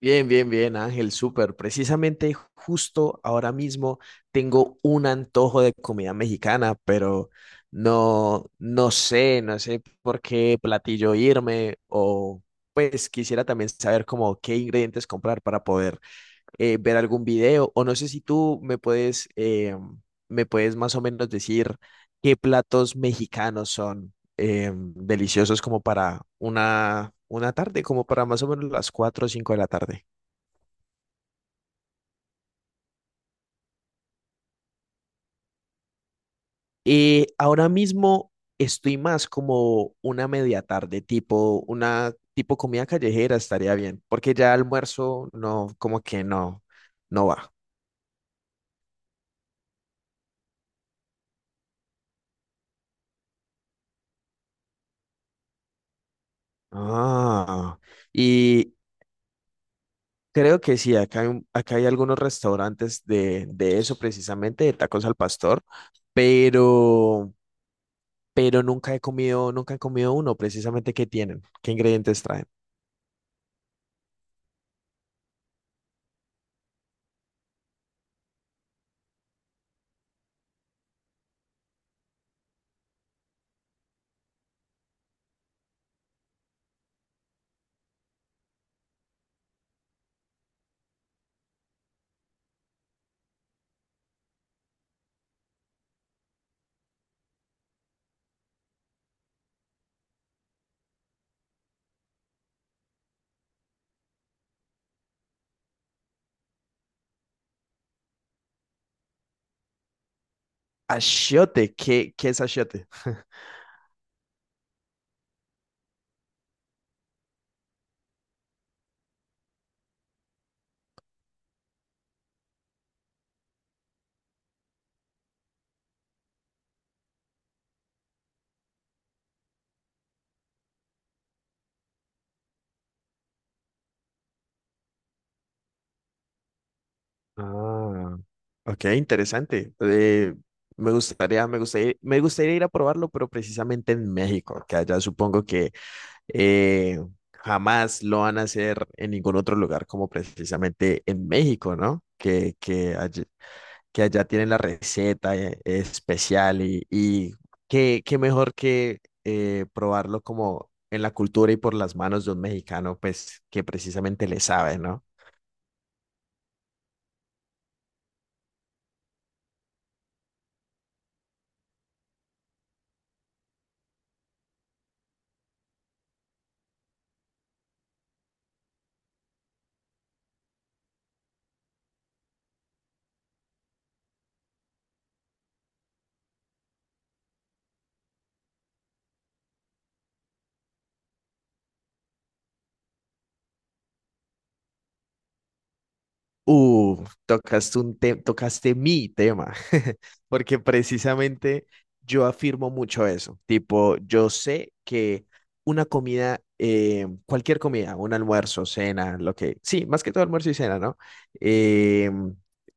Bien, bien, bien, Ángel, súper. Precisamente justo ahora mismo tengo un antojo de comida mexicana, pero no, no sé por qué platillo irme o pues quisiera también saber como qué ingredientes comprar para poder ver algún video o no sé si tú me puedes más o menos decir qué platos mexicanos son deliciosos como para una tarde, como para más o menos las 4 o 5 de la tarde. Ahora mismo estoy más como una media tarde, tipo una tipo comida callejera estaría bien, porque ya almuerzo no, como que no, no va. Ah, y creo que sí, acá hay algunos restaurantes de eso precisamente, de tacos al pastor, pero, pero nunca he comido uno precisamente que tienen, qué ingredientes traen. Achiote, ¿qué es achiote? Ah, ok, interesante. Me gustaría ir a probarlo, pero precisamente en México, que allá supongo que eh, jamás lo van a hacer en ningún otro lugar como precisamente en México, ¿no? Que allá tienen la receta especial y qué mejor que probarlo como en la cultura y por las manos de un mexicano, pues que precisamente le sabe, ¿no? Tocaste mi tema, porque precisamente yo afirmo mucho eso. Tipo, yo sé que cualquier comida, un almuerzo, cena, lo que, sí, más que todo almuerzo y cena, ¿no? Eh,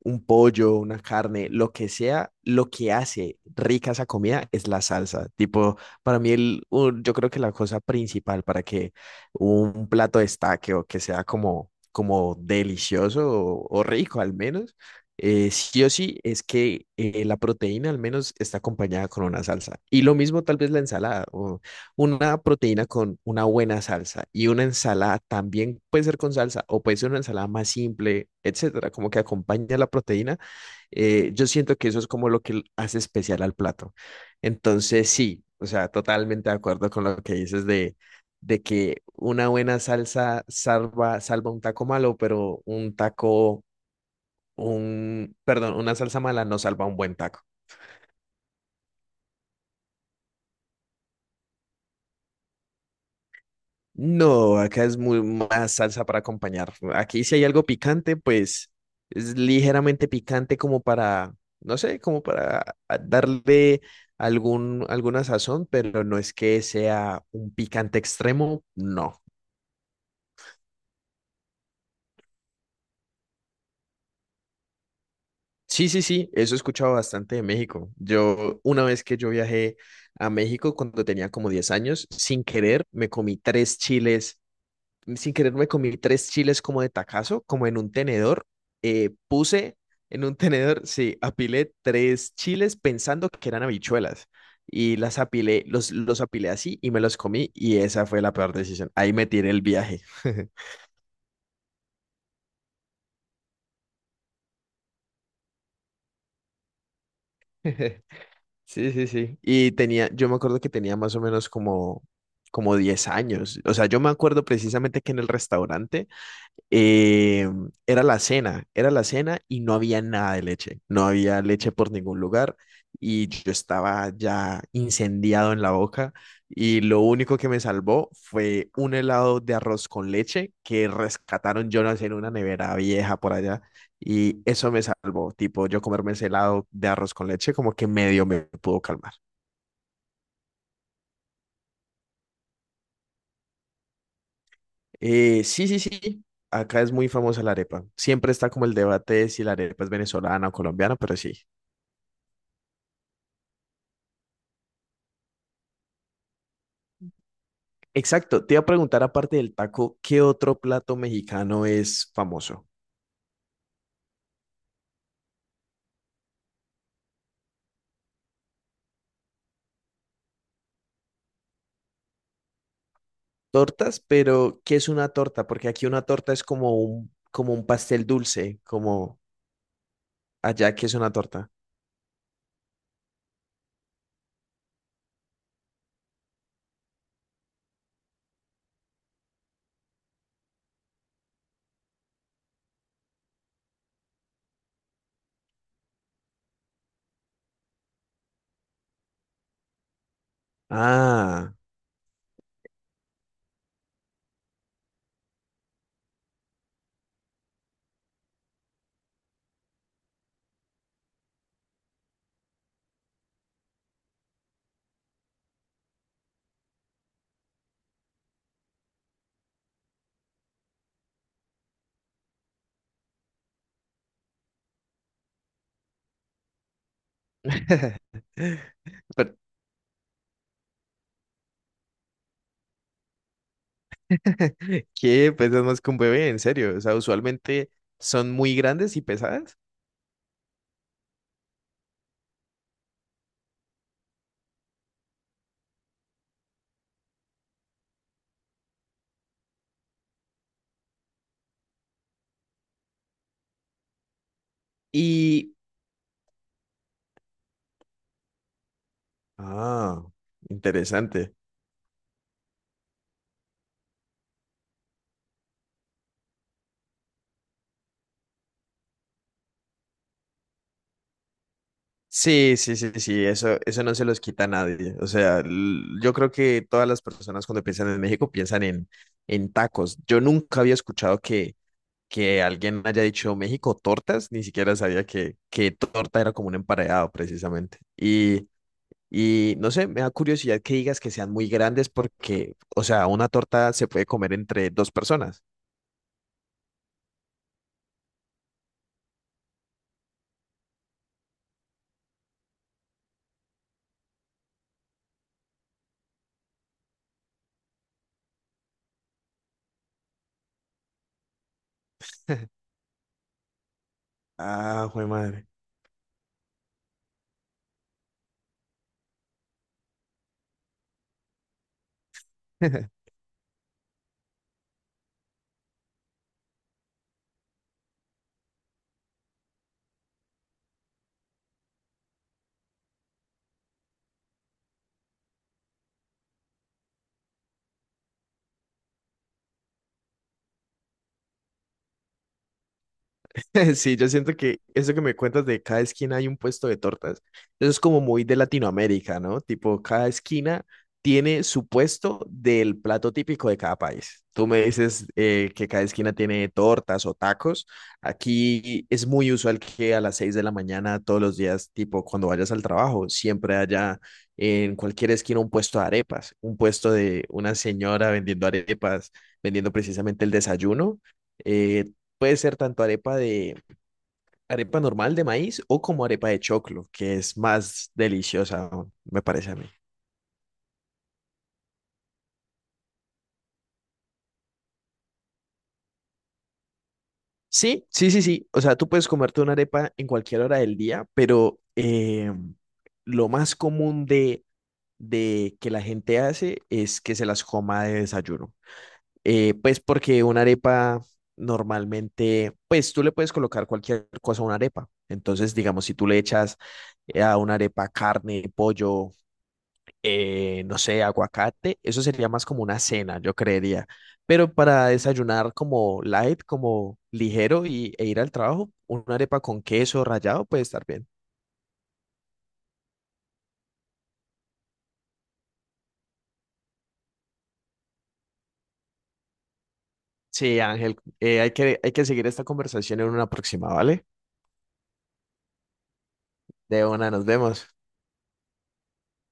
un pollo, una carne, lo que sea, lo que hace rica esa comida es la salsa. Tipo, para mí, yo creo que la cosa principal para que un plato destaque o que sea como delicioso o rico al menos, sí o sí es que la proteína al menos está acompañada con una salsa. Y lo mismo tal vez la ensalada, o una proteína con una buena salsa y una ensalada también puede ser con salsa o puede ser una ensalada más simple, etcétera, como que acompaña la proteína. Yo siento que eso es como lo que hace especial al plato. Entonces, sí, o sea, totalmente de acuerdo con lo que dices de, que una buena salsa salva un taco malo, pero perdón, una salsa mala no salva un buen taco. No, acá es muy más salsa para acompañar. Aquí si hay algo picante, pues es ligeramente picante como para, no sé, como para darle alguna sazón, pero no es que sea un picante extremo, no. Sí, sí, sí, eso he escuchado bastante de México. Una vez que yo viajé a México cuando tenía como 10 años, sin querer, me comí tres chiles sin querer me comí tres chiles como de tacazo, como en un tenedor. Puse en un tenedor, sí, apilé tres chiles pensando que eran habichuelas y los apilé así y me los comí y esa fue la peor decisión. Ahí me tiré el viaje. Sí, sí, sí. Y yo me acuerdo que tenía más o menos como 10 años. O sea, yo me acuerdo precisamente que en el restaurante. Eh, era la cena, era la cena y no había nada de leche, no había leche por ningún lugar y yo estaba ya incendiado en la boca y lo único que me salvó fue un helado de arroz con leche que rescataron yo no sé, en una nevera vieja por allá y eso me salvó, tipo yo comerme ese helado de arroz con leche como que medio me pudo calmar. Sí, sí, sí. Acá es muy famosa la arepa. Siempre está como el debate de si la arepa es venezolana o colombiana, pero sí. Exacto, te iba a preguntar aparte del taco, ¿qué otro plato mexicano es famoso? Tortas, pero ¿qué es una torta? Porque aquí una torta es como un pastel dulce, como allá, ¿qué es una torta? Ah, pero, ¿qué? Pesas más que un bebé, en serio. O sea, usualmente son muy grandes y pesadas. Y... Ah, interesante. Sí, sí, sí, sí, sí, eso no se los quita a nadie. O sea, yo creo que todas las personas cuando piensan en México piensan en tacos. Yo nunca había escuchado que, alguien haya dicho México tortas, ni siquiera sabía que, torta era como un emparedado precisamente. Y no sé, me da curiosidad que digas que sean muy grandes porque, o sea, una torta se puede comer entre dos personas. Ah, jue madre. Sí, yo siento que eso que me cuentas de cada esquina hay un puesto de tortas, eso es como muy de Latinoamérica, ¿no? Tipo, cada esquina tiene su puesto del plato típico de cada país. Tú me dices que cada esquina tiene tortas o tacos. Aquí es muy usual que a las 6 de la mañana todos los días, tipo cuando vayas al trabajo, siempre haya en cualquier esquina un puesto de arepas, un puesto de una señora vendiendo arepas, vendiendo precisamente el desayuno. Eh, Puede ser tanto arepa normal de maíz o como arepa de choclo, que es más deliciosa, aún, me parece a mí. Sí, sí, sí, sí. O sea, tú puedes comerte una arepa en cualquier hora del día, pero lo más común de que la gente hace es que se las coma de desayuno. Pues porque una arepa normalmente, pues tú le puedes colocar cualquier cosa a una arepa. Entonces, digamos, si tú le echas a una arepa carne, pollo, no sé, aguacate, eso sería más como una cena, yo creería. Pero para desayunar como light, como ligero y, e ir al trabajo, una arepa con queso rallado puede estar bien. Sí, Ángel, hay que seguir esta conversación en una próxima, ¿vale? De una, nos vemos.